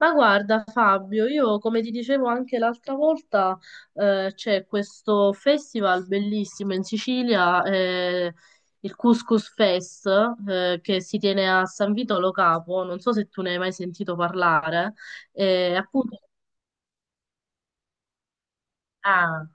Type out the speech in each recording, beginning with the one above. Ma guarda Fabio, io come ti dicevo anche l'altra volta, c'è questo festival bellissimo in Sicilia, il Couscous Fest, che si tiene a San Vito Lo Capo, non so se tu ne hai mai sentito parlare, appunto. Ah,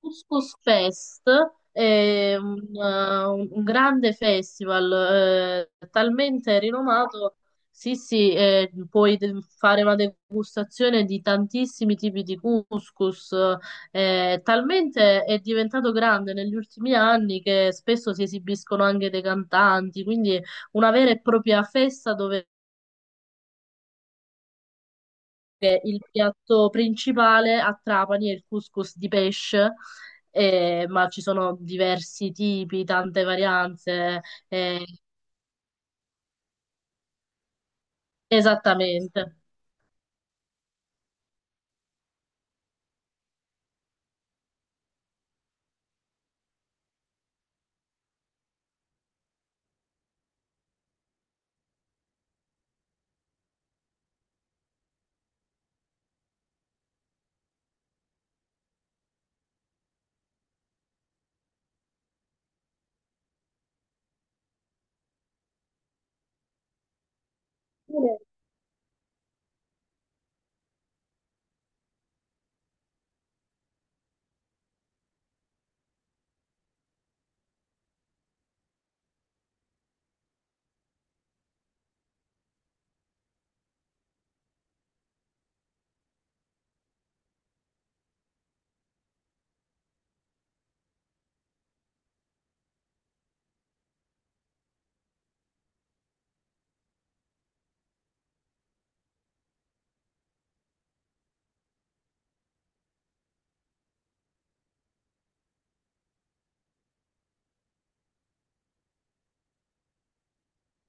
Couscous Fest è un grande festival, talmente rinomato. Sì, sì, puoi fare una degustazione di tantissimi tipi di couscous, talmente è diventato grande negli ultimi anni che spesso si esibiscono anche dei cantanti, quindi una vera e propria festa dove che il piatto principale a Trapani è il couscous di pesce, ma ci sono diversi tipi, tante varianze. Eh, esattamente.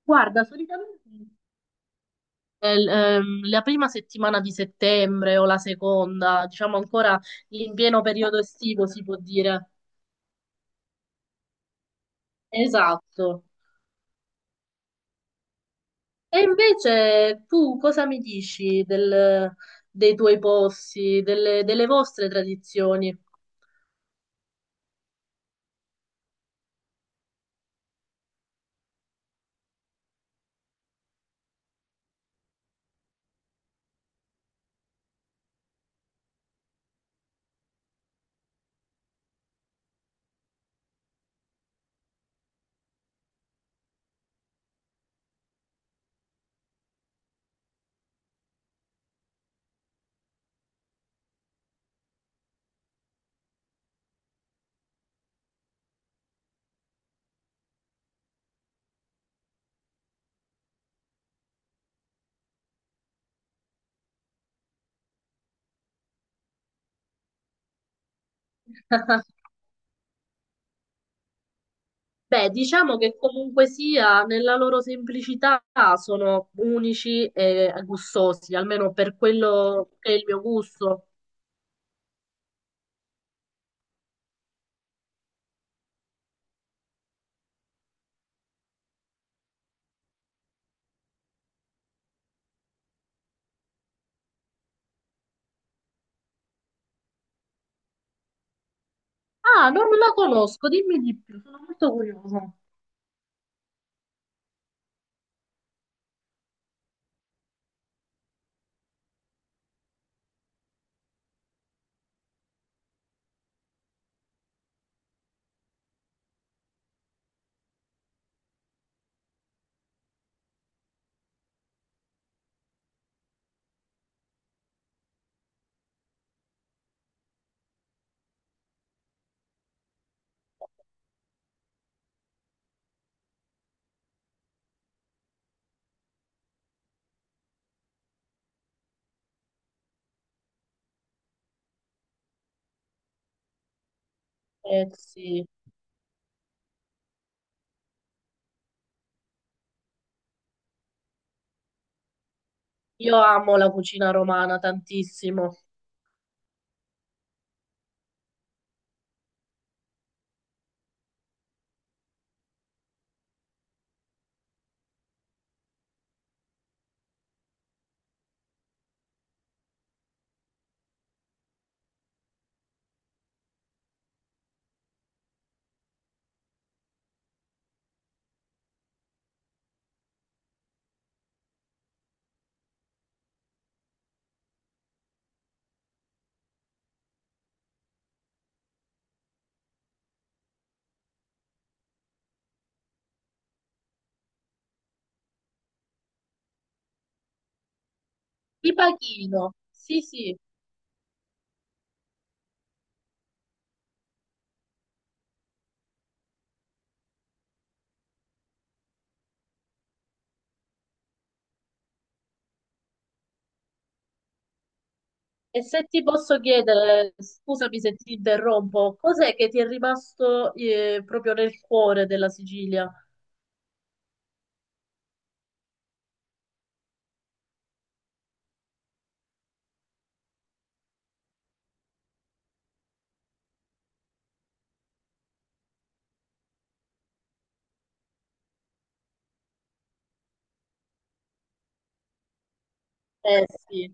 Guarda, solitamente, la prima settimana di settembre o la seconda, diciamo ancora in pieno periodo estivo, si può dire. Esatto. E invece tu cosa mi dici dei tuoi posti, delle vostre tradizioni? Beh, diciamo che comunque sia, nella loro semplicità sono unici e gustosi, almeno per quello che è il mio gusto. Ah, non la conosco, dimmi di più, sono molto curiosa. Eh sì, io amo la cucina romana tantissimo. Ti pachino, sì sì. E se ti posso chiedere, scusami se ti interrompo, cos'è che ti è rimasto, proprio nel cuore della Sicilia? Eh sì.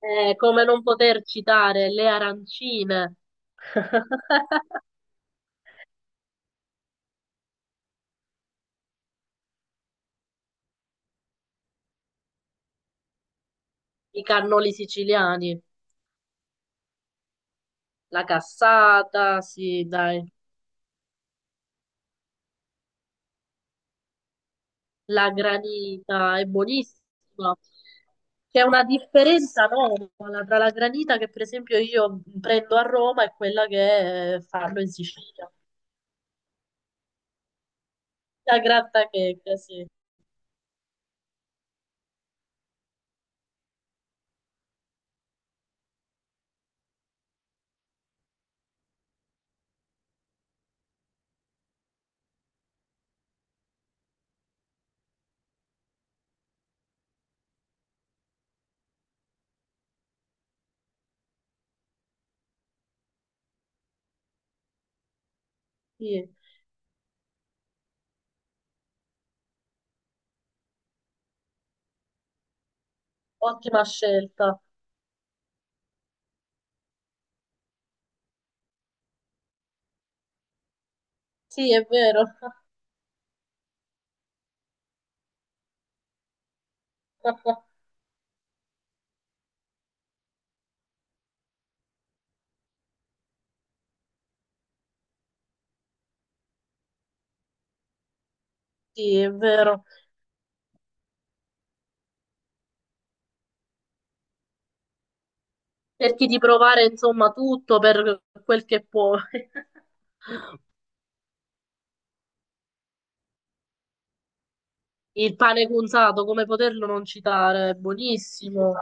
Come non poter citare le arancine, i cannoli siciliani, la cassata, sì, dai, la granita, è buonissima. C'è una differenza enorme tra la granita che per esempio io prendo a Roma e quella che fanno in Sicilia. La grattachecca, sì, sì, ottima scelta. Sì, è vero. Sì, è vero. Cerchi di provare insomma tutto per quel che puoi. Il pane cunzato, come poterlo non citare, è buonissimo.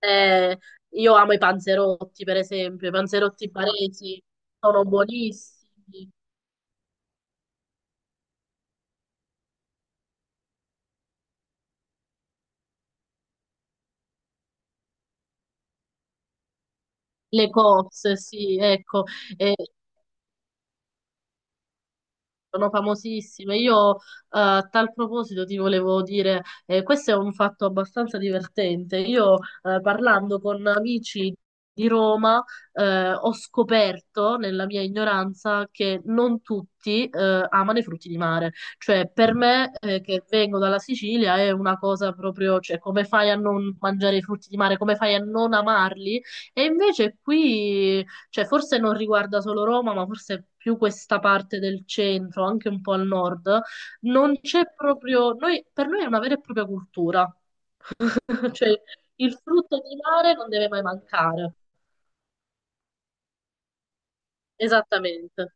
Eh, io amo i panzerotti, per esempio, i panzerotti baresi sono buonissimi. Le cozze, sì, ecco. Eh, sono famosissime. Io, a tal proposito ti volevo dire, questo è un fatto abbastanza divertente. Io, parlando con amici di Roma, ho scoperto nella mia ignoranza che non tutti, amano i frutti di mare. Cioè, per me, che vengo dalla Sicilia è una cosa proprio, cioè, come fai a non mangiare i frutti di mare? Come fai a non amarli? E invece qui, cioè, forse non riguarda solo Roma, ma forse più questa parte del centro, anche un po' al nord, non c'è proprio, per noi è una vera e propria cultura. Cioè il frutto di mare non deve mai mancare. Esattamente,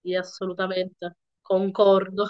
sì, assolutamente, concordo.